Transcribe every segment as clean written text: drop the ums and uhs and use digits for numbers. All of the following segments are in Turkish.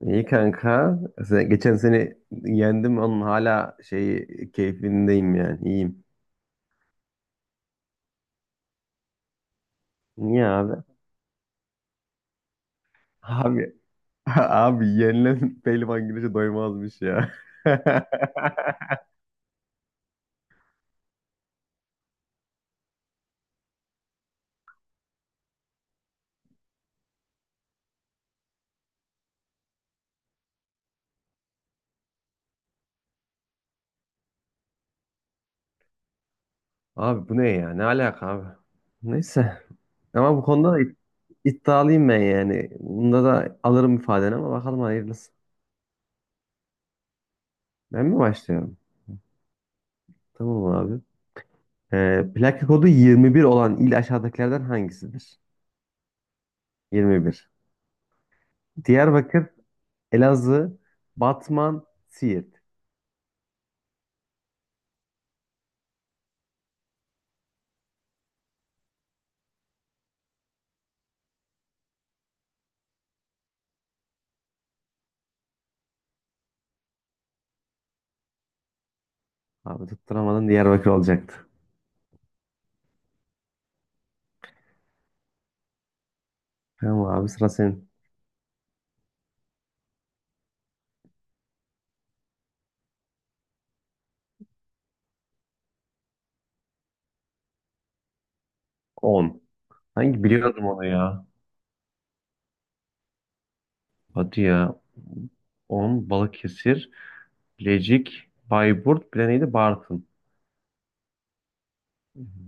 İyi kanka. Geçen sene yendim onun hala şey keyfindeyim yani. İyiyim. Niye abi? Abi abi yenilen pehlivan güreşe doymazmış ya. Abi bu ne ya? Ne alaka abi? Neyse. Ama bu konuda da iddialıyım ben yani. Bunda da alırım ifadeni ama bakalım hayırlısı. Ben mi başlıyorum? Tamam abi. Plaka kodu 21 olan il aşağıdakilerden hangisidir? 21. Diyarbakır, Elazığ, Batman, Siirt. Abi tutturamadın, Diyarbakır olacaktı. Tamam abi, sıra senin. On. Hangi, biliyordum onu ya. Hadi ya. 10. Balıkesir, Bilecik, Bayburt, bir de neydi? Bartın. Hı hı.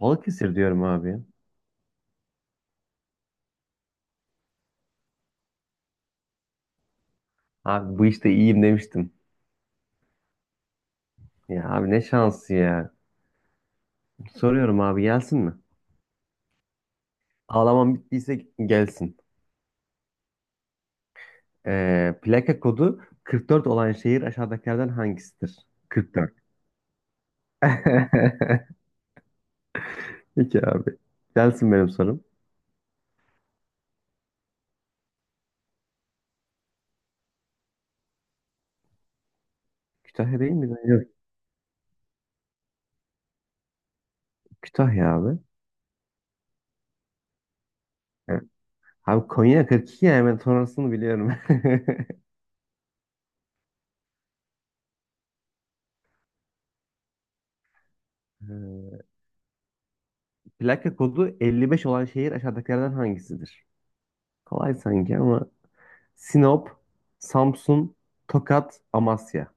Balıkesir diyorum abi. Abi, bu işte iyiyim demiştim. Ya abi, ne şansı ya. Soruyorum abi, gelsin mi? Ağlamam bittiyse gelsin. Plaka kodu 44 olan şehir aşağıdakilerden hangisidir? 44. Peki abi. Gelsin benim sorum. Kütahya değil mi? Yok. Kütahya abi. Evet. Abi, Konya 42 yani ben sonrasını biliyorum. Ee, plaka kodu 55 olan şehir aşağıdakilerden hangisidir? Kolay sanki ama Sinop, Samsun, Tokat, Amasya.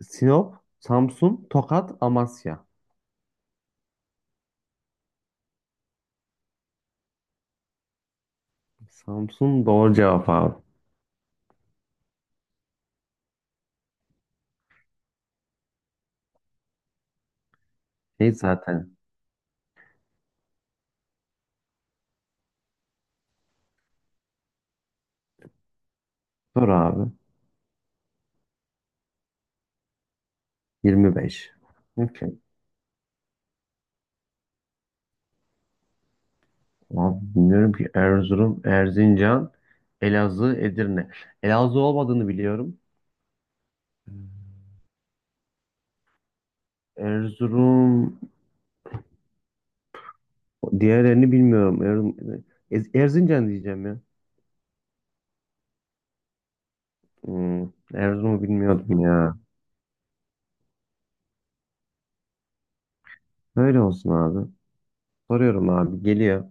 Sinop, Samsun, Tokat, Amasya. Samsun doğru cevap abi. Şey zaten. Doğru abi. 25. Abi bilmiyorum ki. Erzurum, Erzincan, Elazığ, Edirne. Elazığ olmadığını biliyorum. Erzurum, diğerlerini bilmiyorum. Erzurum, Erzincan diyeceğim ya. Hmm, Erzurum'u bilmiyordum ya. Böyle olsun abi. Soruyorum abi, geliyor.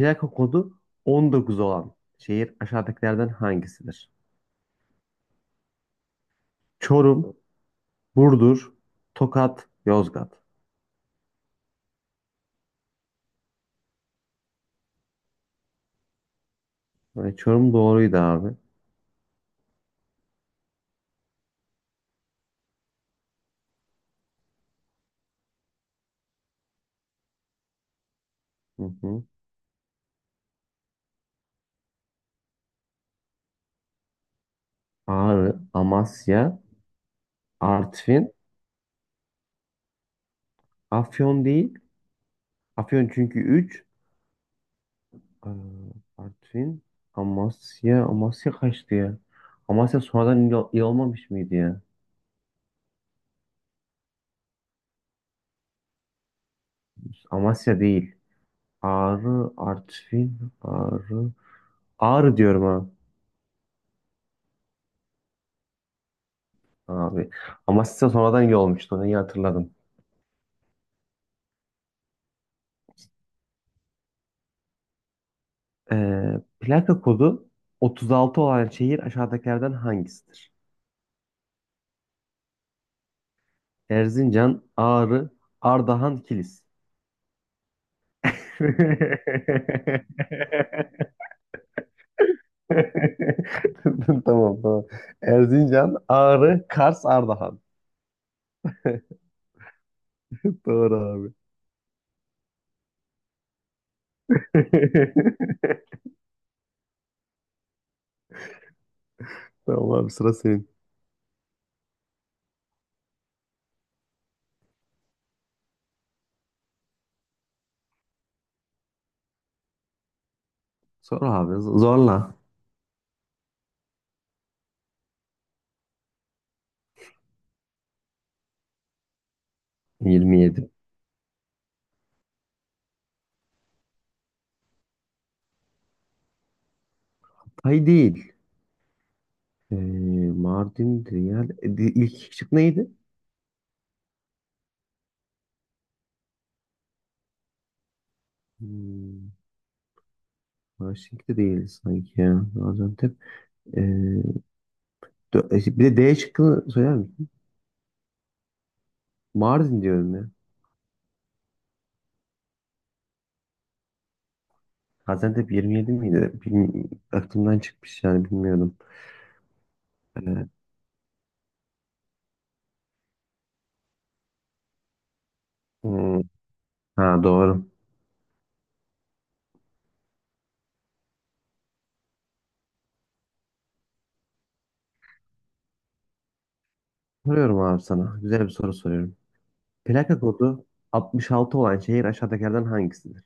Plaka kodu 19 olan şehir aşağıdakilerden hangisidir? Çorum, Burdur, Tokat, Yozgat. Ve Çorum doğruydu abi. Hı hı. Ağrı, Amasya, Artvin, Afyon değil. Afyon çünkü 3. Artvin, Amasya. Amasya kaçtı ya? Amasya sonradan il olmamış mıydı ya? Amasya değil. Ağrı, Artvin, Ağrı. Ağrı diyorum ha. Abi. Amasya sonradan il olmuştu. Onu iyi hatırladım. Plaka kodu 36 olan şehir aşağıdakilerden hangisidir? Erzincan, Ağrı, Ardahan, Kilis. Tamam, tamam. Erzincan, Ağrı, Kars, Ardahan. Doğru abi. Tamam abi, sıra senin. Sor abi, zorla. 27. Tay değil. Ee, Mardin, Riyal. İlk iki şık neydi? Hmm, Washington değil sanki ya. Gaziantep. Ee, bir de D şıkkını söyler misin? Mardin diyorum ya. Gaziantep 27 miydi? Aklımdan çıkmış yani, bilmiyordum. Ee, hmm, ha, doğru. Soruyorum abi sana. Güzel bir soru soruyorum. Plaka kodu 66 olan şehir aşağıdakilerden hangisidir?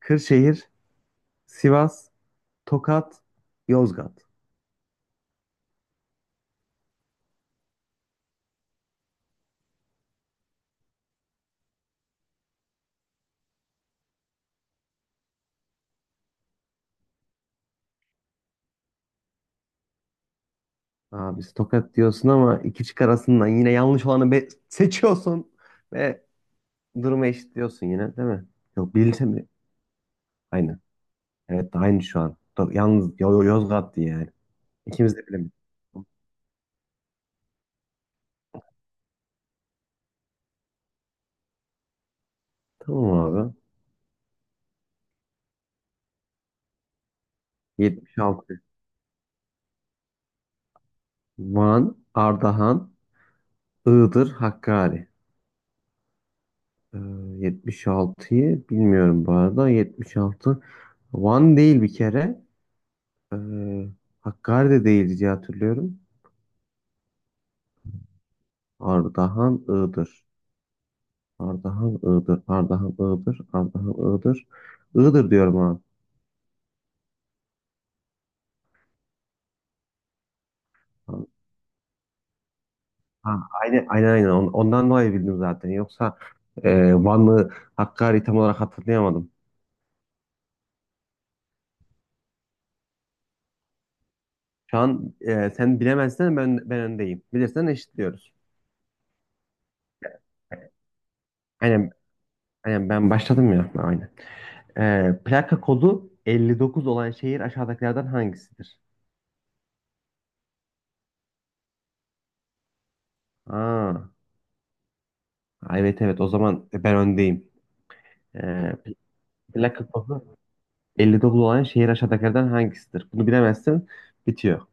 Kırşehir, Sivas, Tokat, Yozgat. Abi, Tokat diyorsun ama iki çık arasından yine yanlış olanı seçiyorsun ve durumu eşitliyorsun yine, değil mi? Yok, bilse mi? Aynı. Evet, aynı şu an. Yalnız Yozgat diye yani. İkimiz de bilemedik. Tamam abi. 76. Van, Ardahan, Iğdır, Hakkari. Ee, 76'yı bilmiyorum bu arada. 76 Van değil bir kere. Ee, Hakkari de değil diye hatırlıyorum. Ardahan, Iğdır. Ardahan, Iğdır. Ardahan, Iğdır. Ardahan, Iğdır. Iğdır diyorum abi. Ha, aynen aynen aynen. Ondan dolayı bildim zaten. Yoksa Van'ı, Hakkari tam olarak hatırlayamadım. Şu an sen bilemezsen ben öndeyim. Bilirsen eşitliyoruz. Aynen, aynen ben başladım ya. Aynen. Plaka kodu 59 olan şehir aşağıdakilerden hangisidir? Aa, evet, evet, o zaman ben öndeyim. Ee, plaka kodu 59 olan şehir aşağıdakilerden hangisidir? Bunu bilemezsin. Bitiyor.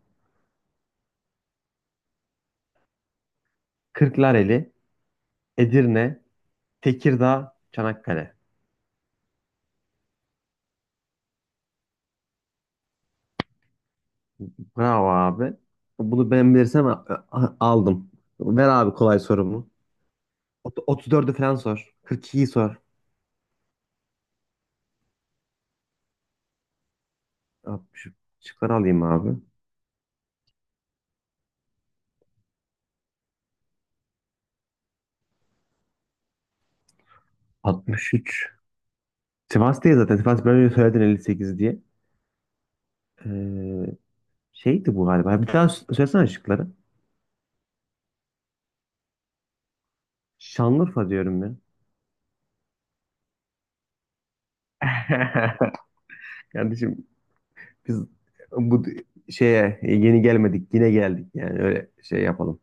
Kırklareli, Edirne, Tekirdağ, Çanakkale. Bravo abi. Bunu ben bilirsem aldım. Ver abi kolay sorumu. 34'ü falan sor. 42'yi sor. 60. Şıkları alayım abi. 63. Sivas değil zaten. Sivas ben önce söyledin 58 diye. Ee, şeydi bu galiba. Bir daha söylesene şıkları. Şanlıurfa diyorum ya. Kardeşim, biz bu şeye yeni gelmedik, yine geldik yani. Öyle şey yapalım.